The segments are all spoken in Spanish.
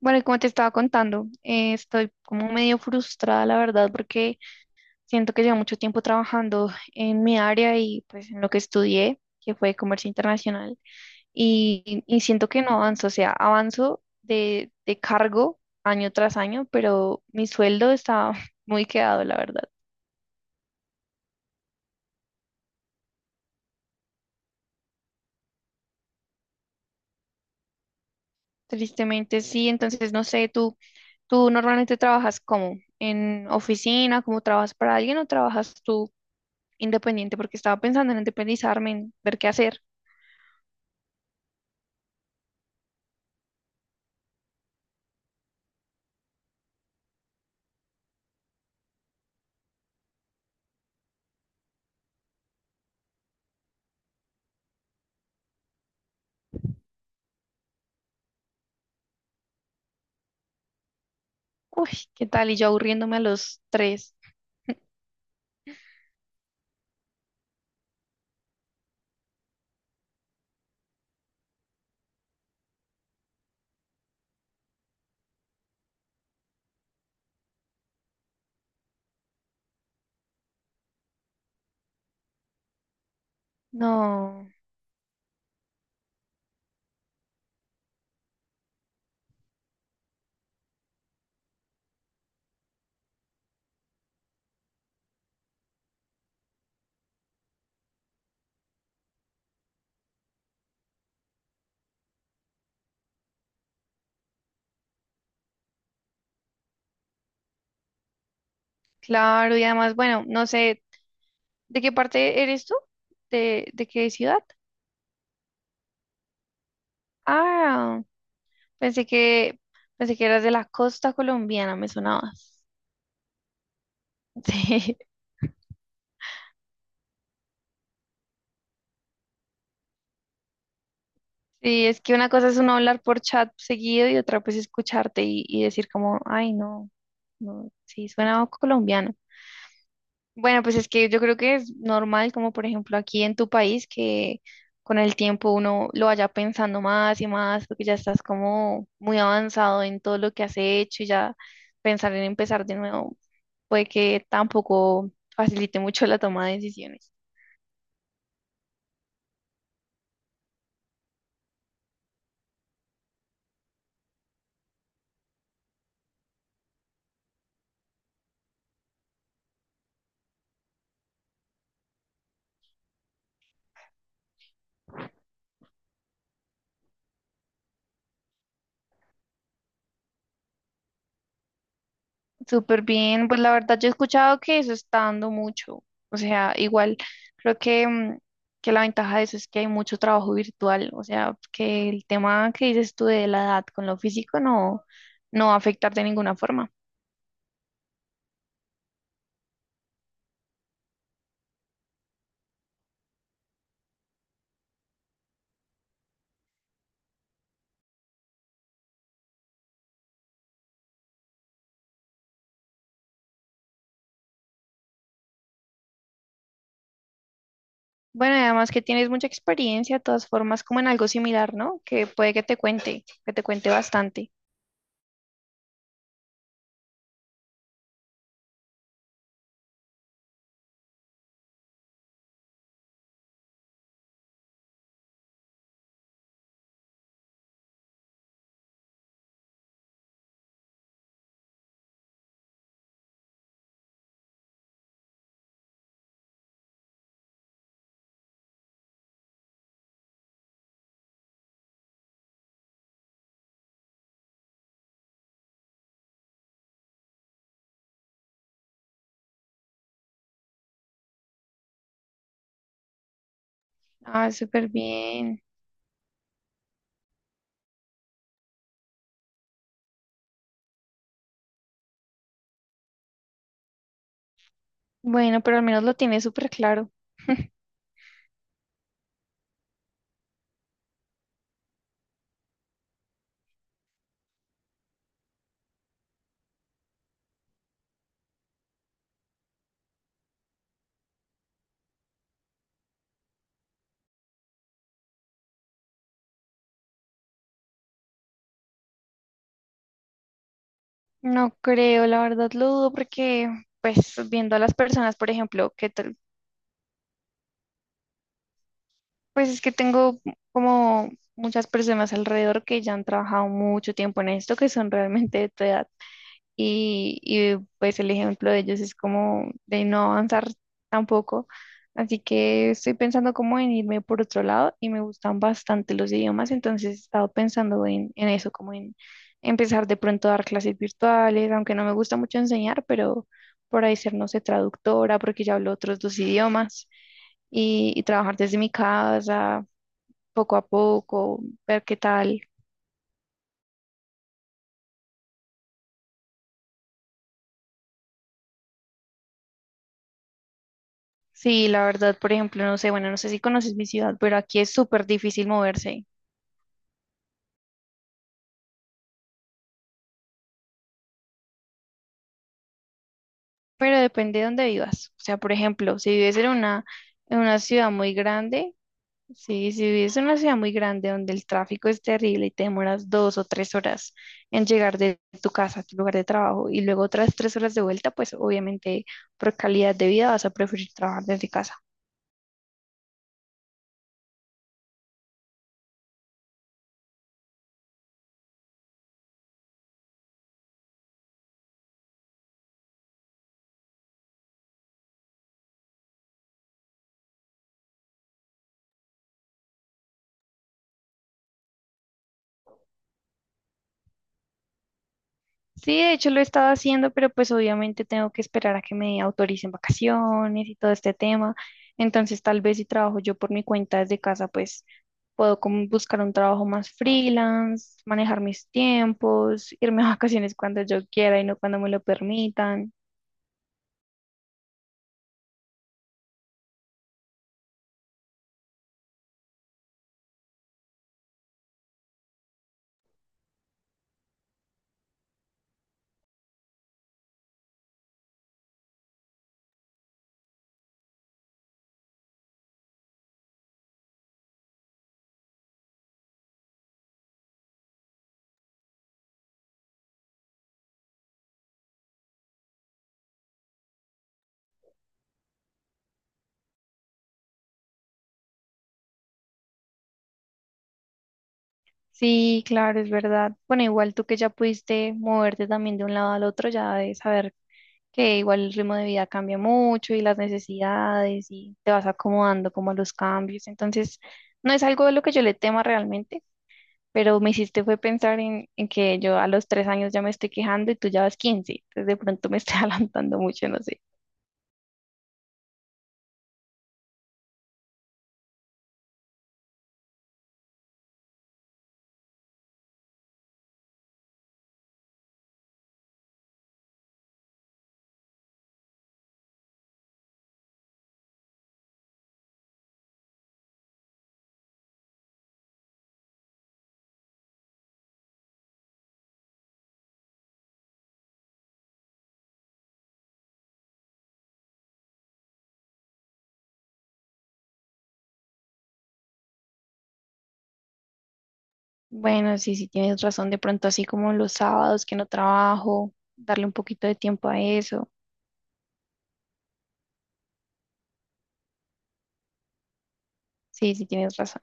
Bueno, y como te estaba contando, estoy como medio frustrada, la verdad, porque siento que llevo mucho tiempo trabajando en mi área y pues en lo que estudié, que fue comercio internacional, y siento que no avanzo, o sea, avanzo de cargo año tras año, pero mi sueldo está muy quedado, la verdad. Tristemente sí, entonces no sé, tú normalmente trabajas como en oficina, como trabajas para alguien o trabajas tú independiente, porque estaba pensando en independizarme, en ver qué hacer. Uy, ¿qué tal? Y yo aburriéndome a los tres. No, claro, y además, bueno, no sé, ¿de qué parte eres tú? ¿De qué ciudad? Ah, pensé que, pensé que eras de la costa colombiana, me sonabas. Sí, sí, es que una cosa es uno hablar por chat seguido y otra pues escucharte y decir como, ay, no, no, sí, suena colombiano. Bueno, pues es que yo creo que es normal, como por ejemplo aquí en tu país, que con el tiempo uno lo vaya pensando más y más, porque ya estás como muy avanzado en todo lo que has hecho y ya pensar en empezar de nuevo puede que tampoco facilite mucho la toma de decisiones. Súper bien, pues la verdad yo he escuchado que eso está dando mucho, o sea, igual creo que, que la ventaja de eso es que hay mucho trabajo virtual, o sea, que el tema que dices tú de la edad con lo físico no, no va a afectar de ninguna forma. Bueno, y además que tienes mucha experiencia, de todas formas, como en algo similar, ¿no? Que puede que te cuente bastante. Ah, súper bien. Bueno, pero al menos lo tienes súper claro. No creo, la verdad lo dudo porque, pues, viendo a las personas, por ejemplo, pues es que tengo como muchas personas alrededor que ya han trabajado mucho tiempo en esto, que son realmente de tu edad. Pues el ejemplo de ellos es como de no avanzar tampoco. Así que estoy pensando como en irme por otro lado y me gustan bastante los idiomas, entonces he estado pensando en eso, como en empezar de pronto a dar clases virtuales, aunque no me gusta mucho enseñar, pero por ahí ser, no sé, traductora, porque ya hablo otros dos idiomas y trabajar desde mi casa poco a poco, ver qué tal. Sí, la verdad, por ejemplo, no sé, bueno, no sé si conoces mi ciudad, pero aquí es súper difícil moverse, pero depende de dónde vivas. O sea, por ejemplo, si vives en una ciudad muy grande, sí, si vives en una ciudad muy grande donde el tráfico es terrible y te demoras 2 o 3 horas en llegar de tu casa a tu lugar de trabajo y luego otras 3 horas de vuelta, pues obviamente por calidad de vida vas a preferir trabajar desde casa. Sí, de hecho lo he estado haciendo, pero pues obviamente tengo que esperar a que me autoricen vacaciones y todo este tema. Entonces, tal vez si trabajo yo por mi cuenta desde casa, pues puedo como buscar un trabajo más freelance, manejar mis tiempos, irme a vacaciones cuando yo quiera y no cuando me lo permitan. Sí, claro, es verdad. Bueno, igual tú que ya pudiste moverte también de un lado al otro, ya de saber que igual el ritmo de vida cambia mucho y las necesidades y te vas acomodando como a los cambios. Entonces, no es algo de lo que yo le tema realmente, pero me hiciste fue pensar en que yo a los 3 años ya me estoy quejando y tú ya vas 15 entonces de pronto me estoy adelantando mucho, no sé. Bueno, sí, sí tienes razón, de pronto así como los sábados que no trabajo, darle un poquito de tiempo a eso. Sí, sí tienes razón.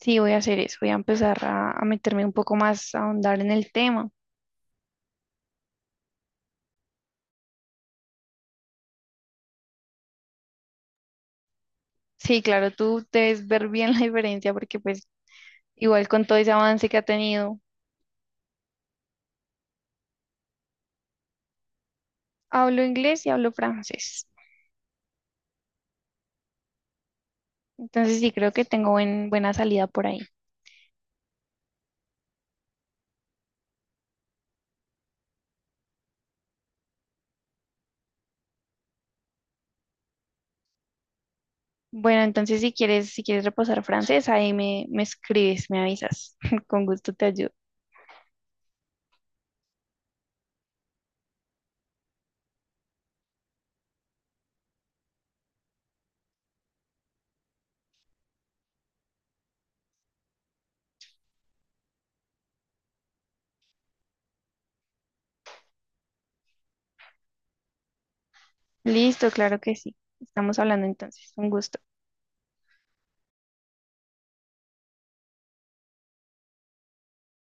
Sí, voy a hacer eso, voy a empezar a meterme un poco más, a ahondar en el tema. Sí, claro, tú debes ver bien la diferencia porque pues igual con todo ese avance que ha tenido, hablo inglés y hablo francés. Entonces sí creo que tengo buena salida por ahí. Bueno, entonces si quieres, si quieres reposar francés, ahí me, me escribes, me avisas. Con gusto te ayudo. Listo, claro que sí. Estamos hablando entonces. Un gusto.